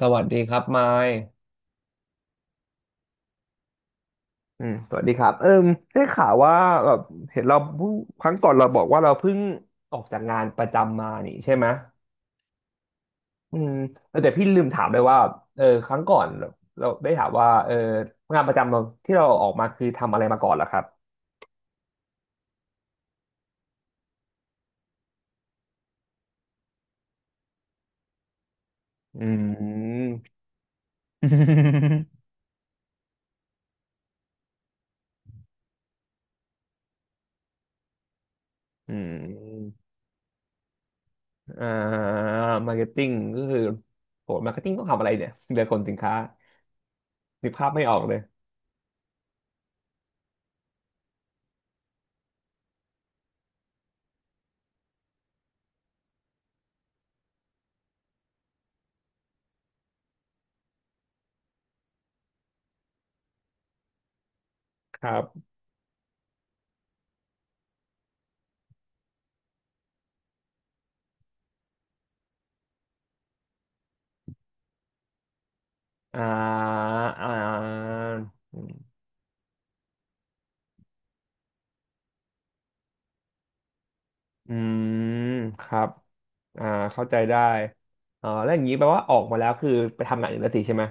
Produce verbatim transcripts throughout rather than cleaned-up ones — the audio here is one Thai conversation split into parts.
สวัสดีครับไมค์อืมสวัสดีครับเอิ่มได้ข่าวว่าแบบเห็นเราเพิ่งครั้งก่อนเราบอกว่าเราเพิ่งออกจากงานประจำมานี่ใช่ไหมอืมแล้วแต่พี่ลืมถามเลยว่าเออครั้งก่อนเราเราได้ถามว่าเอองานประจำเราที่เราออกมาคือทำอะไรมาก่อนเหรอครับอืมอืมอ่ามาร์เก็ตติ้งก็คือโหมาร์เก็ตติ้งต้องทำอะไรเนี่ยเดือคนสินค้านึกภาพไม่ออกเลยครับอ่าอ่า อืมครับอ่าเข้าใจได้อ๋อแล้วอย่างนี้แปลว่าออกมาแล้วคือไปทำงานอื่นแล้วสิใช่ไหม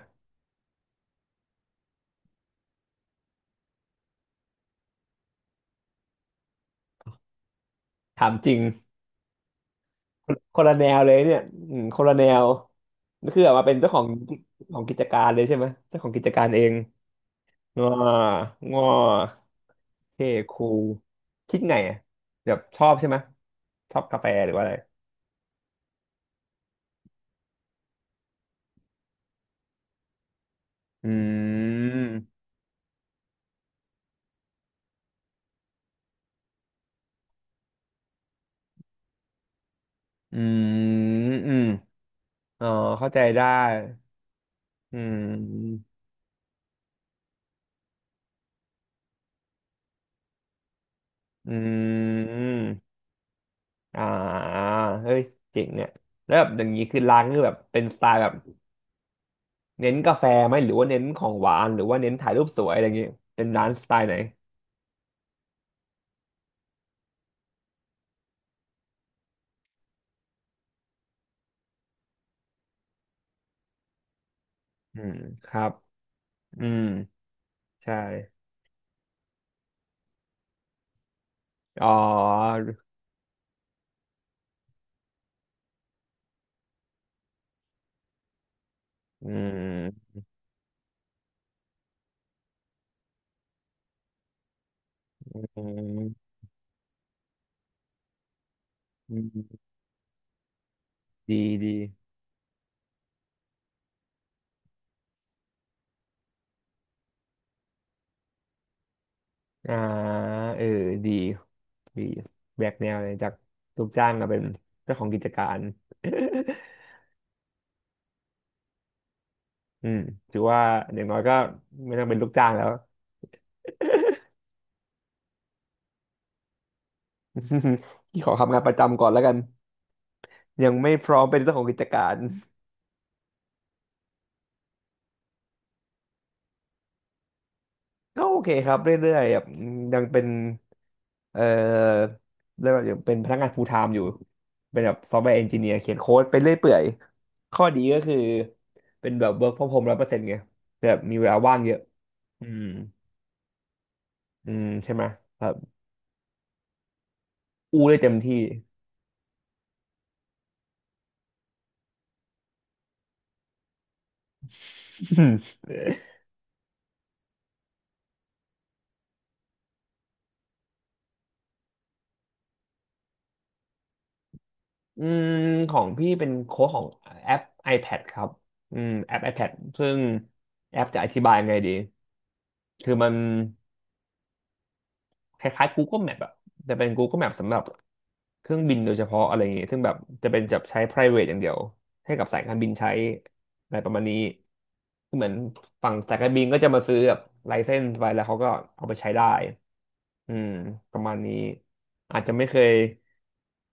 ถามจริงคนละแนวเลยเนี่ยอืมคนละแนวนี่คือออกมาเป็นเจ้าของของกิจการเลยใช่ไหมเจ้าของกิจการเองง้องอเท่คูลคิดไงอะแบบชอบใช่ไหมชอบกาแฟหรือว่าอะไรอืมอืมอืมอ๋อเข้าใจได้อืมอืม อ่าเฮ้ยเจ๋งเนี่ยแล้วแบบอย่างนี้คือร้านคือแบบเป็นสไตล์แบบเน้นกาแฟไหมหรือว่าเน้นของหวานหรือว่าเน้นถ่ายรูปสวยอะไรอย่างนี้เป็นร้านสไตล์ไหนอืมครับอืมใช่อ๋ออืมอืมอืมดีดีอ่าเออดีดีแบกแนวเลยจากลูกจ้างมาเป็นเจ้าของกิจการ อืมถือว่าอย่างน้อยก็ไม่ต้องเป็นลูกจ้างแล้ว ที่ขอทำงานประจำก่อนแล้วกัน ยังไม่พร้อมเป็นเจ้าของกิจการก็โอเคครับเรื่อยๆแบบยังเป็นเอ่อเรียกว่ายังเป็นพนักงาน full time อยู่เป็นแบบ Software Engineer เขียนโค้ดไปเรื่อยเปื่อยข้อดีก็คือเป็นแบบ work from home ร้อยเปอร์เซ็นต์ไงแแบบมีเวลาว่างเยอะอืมอืมใช่ไหมครับอู้ได้เต็มที่ อืมของพี่เป็นโค้ดของแอป iPad ครับอืมแอป iPad ซึ่งแอปจะอธิบายยังไงดีคือมัน คล้ายๆ Google Map อะแต่เป็น Google Map สำหรับเครื่องบินโดยเฉพาะอะไรอย่างเงี้ยซึ่งแบบจะเป็นจับใช้ private อย่างเดียวให้กับสายการบินใช้อะไรประมาณนี้คือเหมือนฝั่งสายการบินก็จะมาซื้อแบบไลเซนส์ไว้แล้วเขาก็เอาไปใช้ได้อืมประมาณนี้อาจจะไม่เคย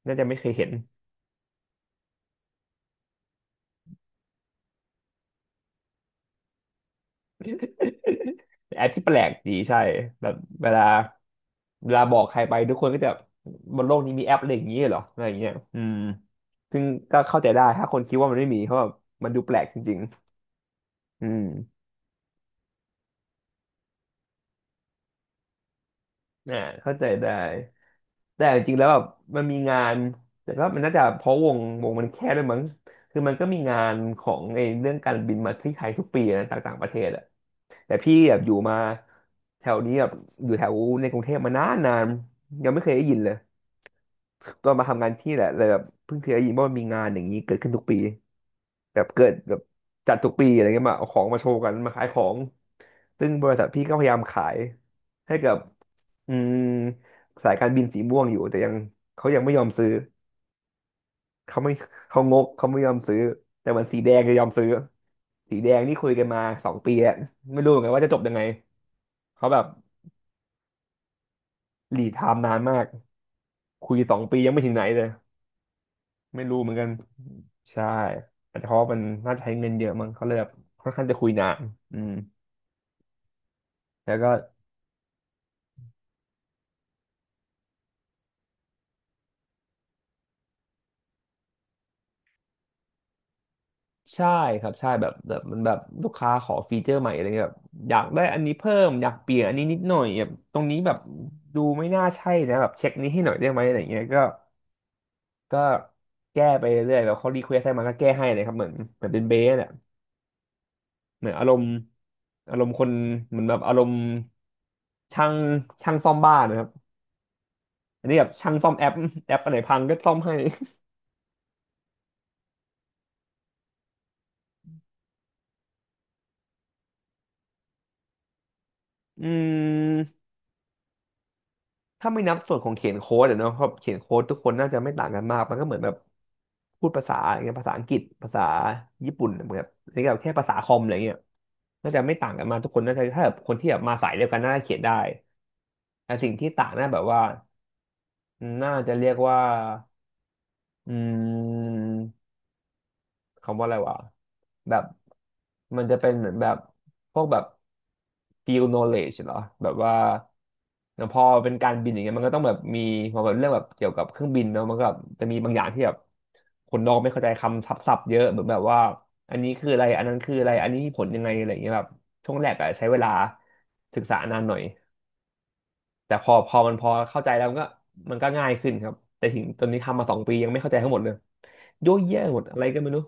น่าจะไม่เคยเห็นแต่แอปที่แปลกดีใช่แบบเวลาเวลาบอกใครไปทุกคนก็จะบนโลกนี้มีแอปอะไรอย่างนี้เหรออะไรอย่างเงี้ยอืม ซึ่งก็เข้าใจได้ถ้าคนคิดว่ามันไม่มีเพราะแบบมันดูแปลกจริงๆอืมอ่าเข้าใจได้แต่จริงๆแล้วแบบมันมีงานแต่ก็มันน่าจะเพราะวงวงมันแคบด้วยมั้งคือมันก็มีงานของไอ้เรื่องการบินมาที่ไทยทุกปีนะต่างๆประเทศอะแต่พี่แบบอยู่มาแถวนี้แบบอยู่แถวในกรุงเทพมานานนานยังไม่เคยได้ยินเลยตอนมาทำงานที่แหละเลยแบบเพิ่งเคยได้ยินว่ามันมีงานอย่างนี้เกิดขึ้นทุกปี แบบเกิดแบบจัดทุกปีอะไรเงี้ยมาเอาของมาโชว์กันมาขายของซึ่งบริษัทพี่ก็พยายามขายให้กับอืมสายการบินสีม่วงอยู่แต่ยังเขายังไม่ยอมซื้อเขาไม่เขางกเขาไม่ยอมซื้อแต่มันสีแดงจะยอมซื้อสีแดงนี่คุยกันมาสองปีแล้วไม่รู้เหมือนกันว่าจะจบยังไงเขาแบบหลีดไทม์นานมากคุยสองปียังไม่ถึงไหนเลยไม่รู้เหมือนกันใช่อาจจะเพราะว่ามันน่าจะใช้เงินเยอะมั้งเขาเลยแบบค่อนข้างจะคุยนานอืมแล้วก็ ใช่ครับใช่แบบแบบมันแบบลูกค้าขอฟีเจอร์ใหม่อะไรเงี้ยแบบอยากได้อันนี้เพิ่มอยากเปลี่ยนอันนี้นิดหน่อยแบบตรงนี้แบบดูไม่น่าใช่นะแบบเช็คนี้ให้หน่อยได้ไหมอะไรเงี้ยก็ก็แก้ไปเรื่อยๆแบบเขารีเควสให้มาก็แก้ให้เลยครับเหมือนเหมือนเป็นเบสเนี่ยเหมือนอารมณ์อารมณ์คนเหมือนแบบอารมณ์ช่างช่างซ่อมบ้านนะครับอันนี้แบบช่างซ่อมแอปแอปอะไรพังก็ซ่อมให้ อืม ถ้าไม่นับส่วนของเขียนโค้ดอะเนาะเพราะเขียนโค้ดทุกคนน่าจะไม่ต่างกันมากมันก็เหมือนแบบพูดภาษาอย่างเงี้ยภาษาอังกฤษภาษาญี่ปุ่นเหมือนแบบนี่แบบแค่ภาษาคอมอะไรเงี้ยน่าจะไม่ต่างกันมากทุกคนน่าจะถ้าแบบคนที่แบบมาสายเดียวกันน่าจะเขียนได้แต่สิ่งที่ต่างน่าแบบว่าน่าจะเรียกว่าอืม คำว่าอะไรวะแบบมันจะเป็นเหมือนแบบพวกแบบ field knowledge เหรอแบบว่าพอเป็นการบินอย่างเงี้ยมันก็ต้องแบบมีพอแบบเรื่องแบบเกี่ยวกับเครื่องบินเนาะมันก็แบบจะมีบางอย่างที่แบบคนนอกไม่เข้าใจคำศัพท์ๆเยอะเหมือนแบบว่าอันนี้คืออะไรอันนั้นคืออะไรอันนี้มีผลยังไงอะไรอย่างเงี้ยแบบช่วงแรกอะใช้เวลาศึกษานานหน่อยแต่พอพอมันพอเข้าใจแล้วมันก็มันก็ง่ายขึ้นครับแต่ถึงตอนนี้ทำมาสองปียังไม่เข้าใจทั้งหมดเลยโยเยอะหมดอะไรก็ไม่รู้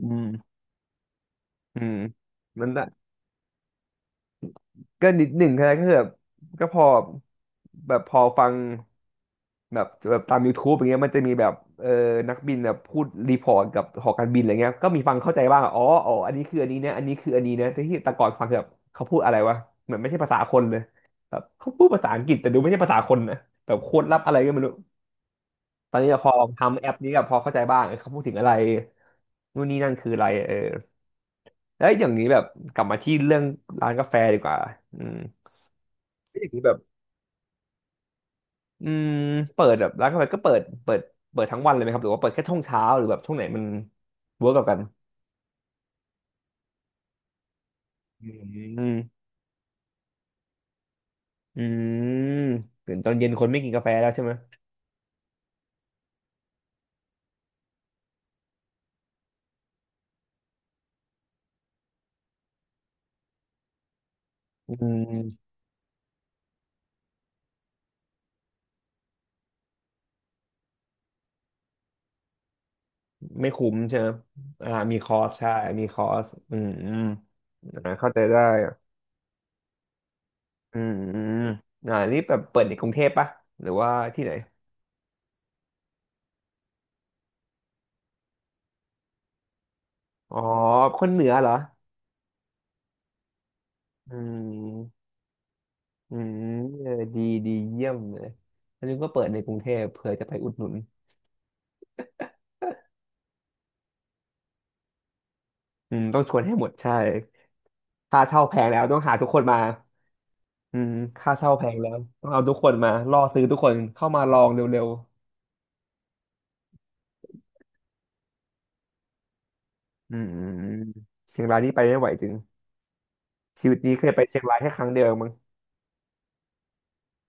อืม อืมมันละก็นิดหนึ่งแค่นั้นก็คือแบบก็พอแบบพอฟังแบบแบบตาม ยูทูบ อย่างเงี้ยมันจะมีแบบเออนักบินแบบพูดรีพอร์ตกับหอการบินอะไรเงี้ยก็มีฟังเข้าใจบ้างอ๋ออ๋ออันนี้คืออันนี้นะอันนี้คืออันนี้นะแต่ที่แต่ก่อนฟังคือแบบเขาพูดอะไรวะเหมือนไม่ใช่ภาษาคนเลยแบบเขาพูดภาษาอังกฤษแต่ดูไม่ใช่ภาษาคนนะแบบโคตรลับอะไรก็ไม่รู้ตอนนี้พอทำแอปนี้ก็พอเข้าใจบ้างเออเขาพูดถึงอะไรนู่นนี่นั่นคืออะไรเออแล้วอย่างนี้แบบกลับมาที่เรื่องร้านกาแฟดีกว่าอืม แล้วอย่างนี้แบบอืมเปิดแบบร้านกาแฟก็เปิดเปิดเปิดทั้งวันเลยไหมครับหรือว่าเปิดแค่ช่วงเช้าหรือแบบช่วงไหนมันเวิร์กกับกันอืมอืมตื่นตอนเย็นคนไม่กินกาแฟแล้วใช่ไหมอืมไม่คุ้มใช่ไหมอ่ามีคอสใช่มีคอสอืมอืมอ่าเข้าใจได้อืมอืมอ่านี่แบบเปิดในกรุงเทพปะหรือว่าที่ไหนอ๋อคนเหนือเหรออืมอืมเออดีดีเยี่ยมเลยแล้วนึกว่าเปิดในกรุงเทพเผื่อจะไปอุดหนุน อืมต้องชวนให้หมดใช่ค่าเช่าแพงแล้วต้องหาทุกคนมาอืมค่าเช่าแพงแล้วต้องเอาทุกคนมาล่อซื้อทุกคนเข้ามาลองเร็วๆอืมอืมอืมเชียงรายนี่ไปไม่ไหวจริงชีวิตนี้เคยไปเชียงรายแค่ครั้งเดียวเองมั้ง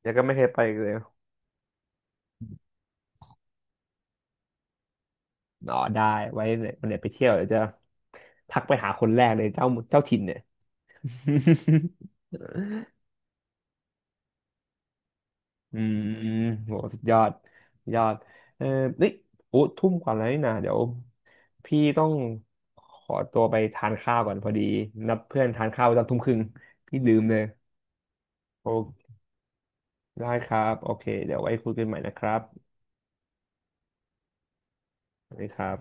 แล้วก็ไม่เคยไปอีกเลยอ๋อได้ไว้เนี่ยวันไหนไปเที่ยวเดี๋ยวจะทักไปหาคนแรกเลยเจ้าเจ้าถิ่นเนี่ย อืมโหสุดยอดสุดยอดเออเฮ้ยโอ้ทุ่มกว่าแล้วนี่นะเดี๋ยวพี่ต้องขอตัวไปทานข้าวก่อนพอดีนัดเพื่อนทานข้าวตอนทุ่มครึ่งพี่ลืมเลยโอ้ได้ครับโอเคเดี๋ยวไว้คุยกันใหม่นะครับสวัสดีครับ